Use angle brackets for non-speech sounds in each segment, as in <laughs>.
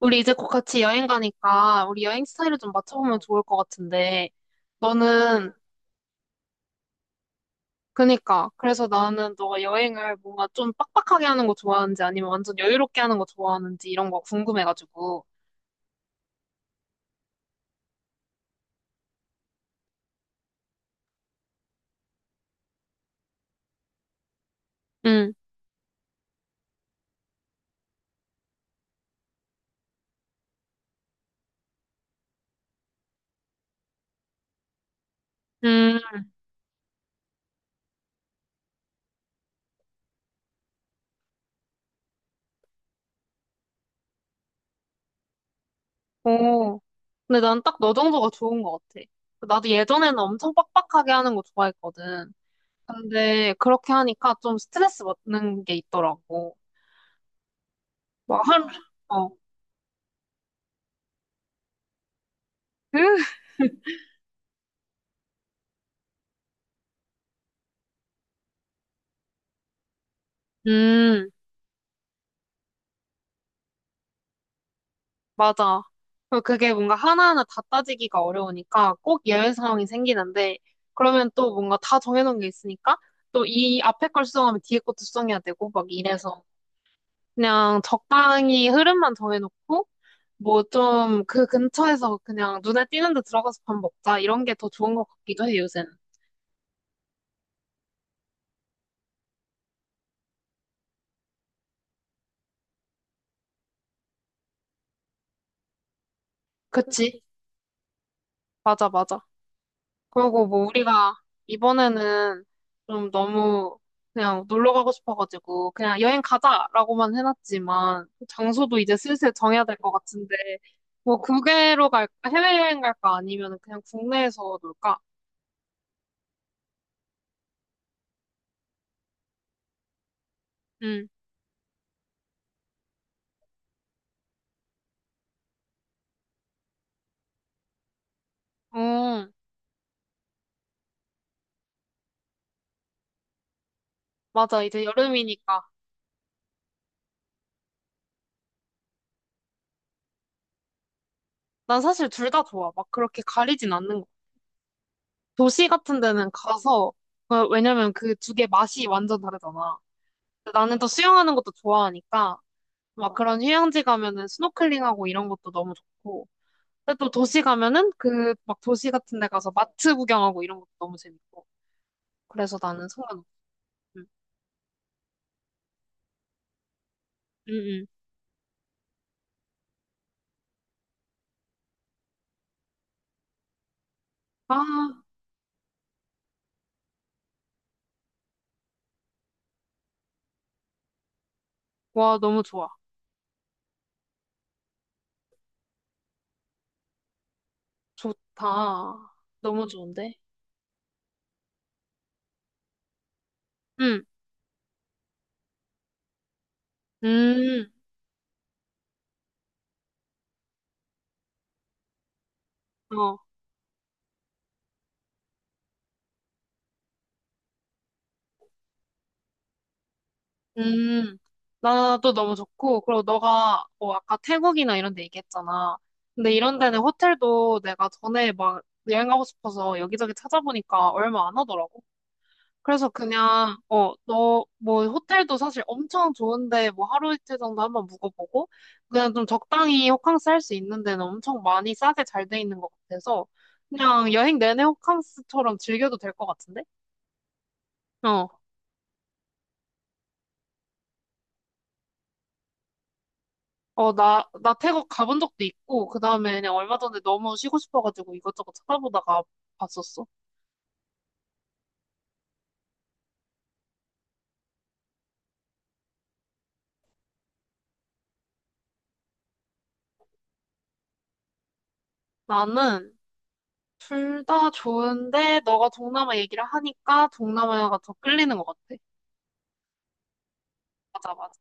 우리 이제 곧 같이 여행 가니까 우리 여행 스타일을 좀 맞춰보면 좋을 것 같은데 너는? 그니까 그래서 나는 너가 여행을 뭔가 좀 빡빡하게 하는 거 좋아하는지 아니면 완전 여유롭게 하는 거 좋아하는지 이런 거 궁금해가지고. 응, 음, 오. 근데 난 딱 너 정도가 좋은 것 같아. 나도 예전에는 엄청 빡빡하게 하는 거 좋아했거든. 근데 그렇게 하니까 좀 스트레스 받는 게 있더라고. 막 하루, 어. 음. 맞아. 그리고 그게 뭔가 하나하나 다 따지기가 어려우니까 꼭 예외 상황이 생기는데, 그러면 또 뭔가 다 정해놓은 게 있으니까, 또 이 앞에 걸 수정하면 뒤에 것도 수정해야 되고, 막 이래서. 그냥 적당히 흐름만 정해놓고, 뭐 좀 그 근처에서 그냥 눈에 띄는 데 들어가서 밥 먹자, 이런 게 더 좋은 것 같기도 해, 요새는. 그치? 맞아, 맞아. 그리고 뭐 우리가 이번에는 좀 너무 그냥 놀러 가고 싶어가지고 그냥 여행 가자라고만 해놨지만 그 장소도 이제 슬슬 정해야 될 것 같은데 뭐 국외로 갈까, 해외여행 갈까, 아니면 그냥 국내에서 놀까? 응. 음, 맞아. 이제 여름이니까. 난 사실 둘 다 좋아. 막 그렇게 가리진 않는 거. 도시 같은 데는 가서, 어, 왜냐면 그 두 개 맛이 완전 다르잖아. 근데 나는 또 수영하는 것도 좋아하니까 막 그런 휴양지 가면은 스노클링하고 이런 것도 너무 좋고. 근데 또 도시 가면은 그 막 도시 같은 데 가서 마트 구경하고 이런 것도 너무 재밌고. 그래서 나는 상관없어. 응, 응. 응. 아, 와, 너무 좋아. 좋다. 너무 좋은데? 응, 음, 어, 음. 나도 너무 좋고. 그리고 너가 뭐 아까 태국이나 이런 데 얘기했잖아. 근데 이런 데는 호텔도 내가 전에 막 여행 가고 싶어서 여기저기 찾아보니까 얼마 안 하더라고. 그래서 그냥, 어, 너, 뭐, 호텔도 사실 엄청 좋은데, 뭐, 하루 이틀 정도 한번 묵어보고, 그냥 좀 적당히 호캉스 할 수 있는 데는 엄청 많이 싸게 잘 돼 있는 것 같아서, 그냥 여행 내내 호캉스처럼 즐겨도 될 것 같은데? 어, 어, 나 태국 가본 적도 있고, 그 다음에 그냥 얼마 전에 너무 쉬고 싶어가지고 이것저것 찾아보다가 봤었어. 나는 둘 다 좋은데, 너가 동남아 얘기를 하니까 동남아가 더 끌리는 것 같아. 맞아, 맞아.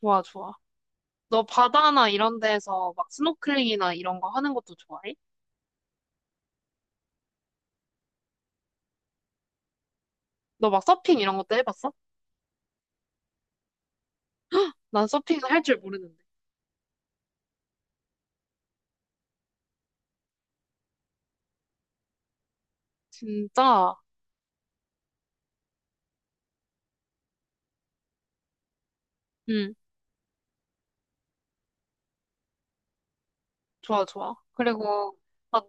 좋아, 좋아. 너 바다나 이런 데서 막 스노클링이나 이런 거 하는 것도 좋아해? 너 막 서핑 이런 것도 해봤어? 난 서핑을 할 줄 모르는데. 진짜? 응, 좋아, 좋아. 그리고 나,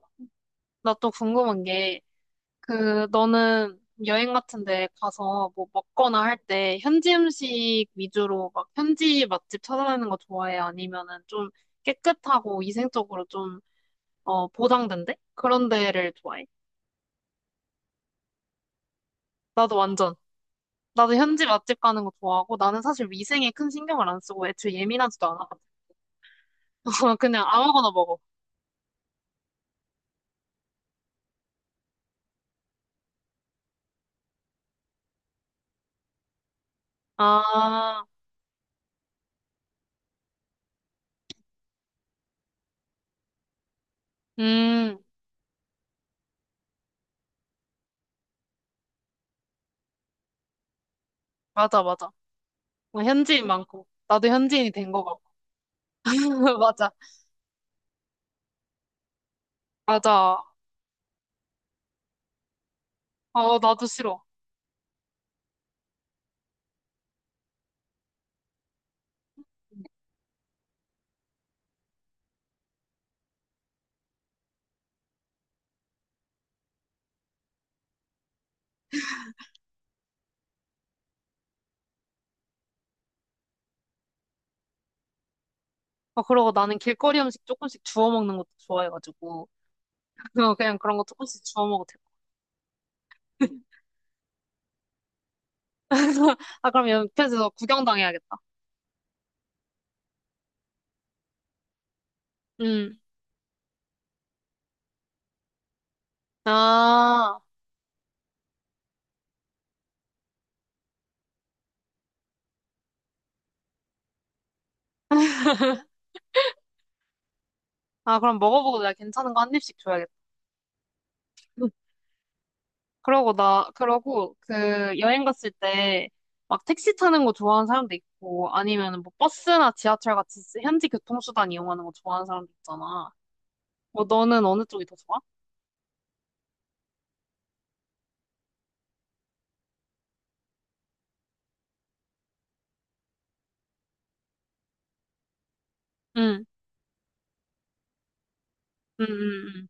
나 또 궁금한 게, 그, 너는 여행 같은 데 가서 뭐 먹거나 할 때 현지 음식 위주로 막 현지 맛집 찾아다니는 거 좋아해? 아니면은 좀 깨끗하고 위생적으로 좀, 어, 보장된대? 그런 데를 좋아해? 나도 완전. 나도 현지 맛집 가는 거 좋아하고 나는 사실 위생에 큰 신경을 안 쓰고 애초에 예민하지도 않아. <laughs> 그냥 아무거나 먹어. 아, 음, 맞아, 맞아. 어, 현지인 많고. 나도 현지인이 된 거 같고. <laughs> 맞아, 맞아. 어, 나도 싫어. 아, 그러고 나는 길거리 음식 조금씩 주워 먹는 것도 좋아해가지고. <laughs> 그냥 그런 거 조금씩 주워 먹어도 돼. <laughs> 아, 그럼 옆에서 구경당해야겠다. 음. 아, 아, 그럼 먹어보고 내가 괜찮은 거 한 입씩 줘야겠다. 그러고 나, 그러고 그 여행 갔을 때 막 택시 타는 거 좋아하는 사람도 있고 아니면 뭐 버스나 지하철 같이 현지 교통수단 이용하는 거 좋아하는 사람도 있잖아. 뭐 너는 어느 쪽이 더 좋아? 응, 응, 응,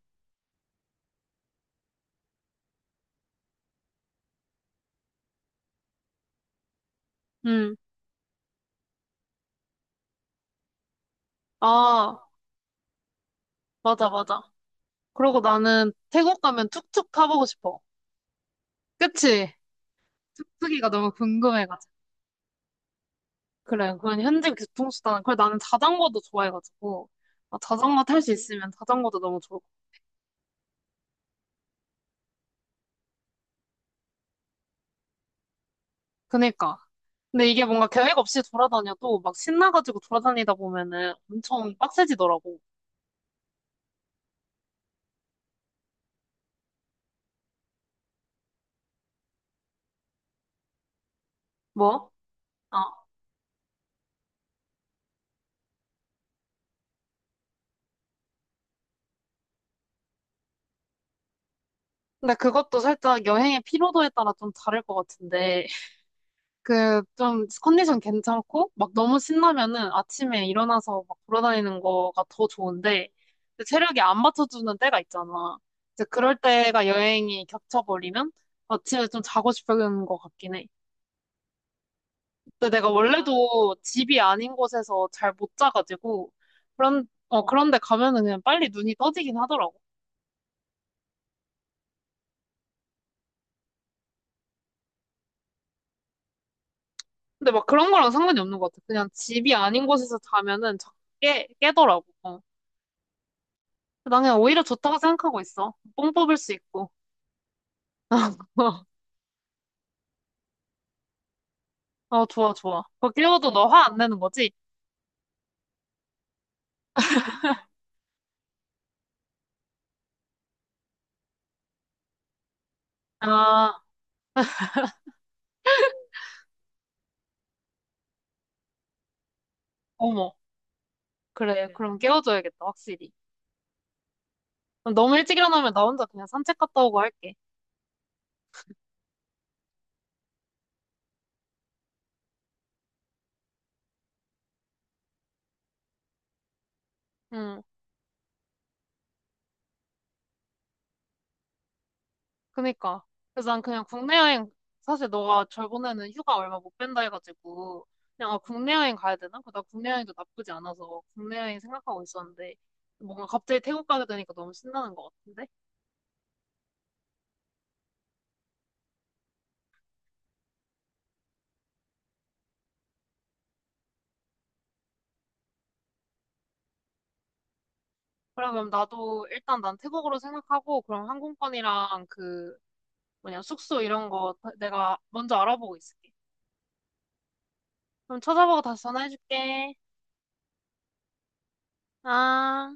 응. 응. 아, 맞아, 맞아. 그러고 나는 태국 가면 툭툭 타보고 싶어. 그치? 툭툭이가 너무 궁금해가지고. 그래, 그건 현지 교통수단은. 그래, 나는 자전거도 좋아해가지고. 아, 자전거 탈 수 있으면 자전거도 너무 좋을. 아 그니까. 근데 이게 뭔가 계획 없이 돌아다녀도 막 신나가지고 돌아다니다 보면은 엄청 빡세지더라고. 뭐? 아, 근데 그것도 살짝 여행의 피로도에 따라 좀 다를 것 같은데, 그, 좀, 컨디션 괜찮고, 막 너무 신나면은 아침에 일어나서 막 돌아다니는 거가 더 좋은데, 근데 체력이 안 받쳐주는 때가 있잖아. 이제 그럴 때가 여행이 겹쳐버리면 아침에 좀 자고 싶은 것 같긴 해. 근데 내가 원래도 집이 아닌 곳에서 잘 못 자가지고 그런 어 그런데 가면은 그냥 빨리 눈이 떠지긴 하더라고. 근데 막 그런 거랑 상관이 없는 것 같아. 그냥 집이 아닌 곳에서 자면은 자- 깨 깨더라고. 어. 난 그냥 오히려 좋다고 생각하고 있어. 뽕 뽑을 수 있고. <laughs> 어 좋아 좋아. 그거 깨워도 너 화 안 내는 거지? 아 어머 그래 그럼 깨워줘야겠다 확실히. 그럼 너무 일찍 일어나면 나 혼자 그냥 산책 갔다 오고 할게. 음. 그니까. 그래서 난 그냥 국내 여행, 사실 너가 저번에는 휴가 얼마 못 뺀다 해가지고, 그냥 아, 국내 여행 가야 되나? 그나 국내 여행도 나쁘지 않아서 국내 여행 생각하고 있었는데, 뭔가 갑자기 태국 가게 되니까 너무 신나는 것 같은데? 그래, 그럼 나도 일단 난 태국으로 생각하고, 그럼 항공권이랑 그, 뭐냐, 숙소 이런 거 다- 내가 먼저 알아보고 있을게. 그럼 찾아보고 다시 전화해줄게. 아.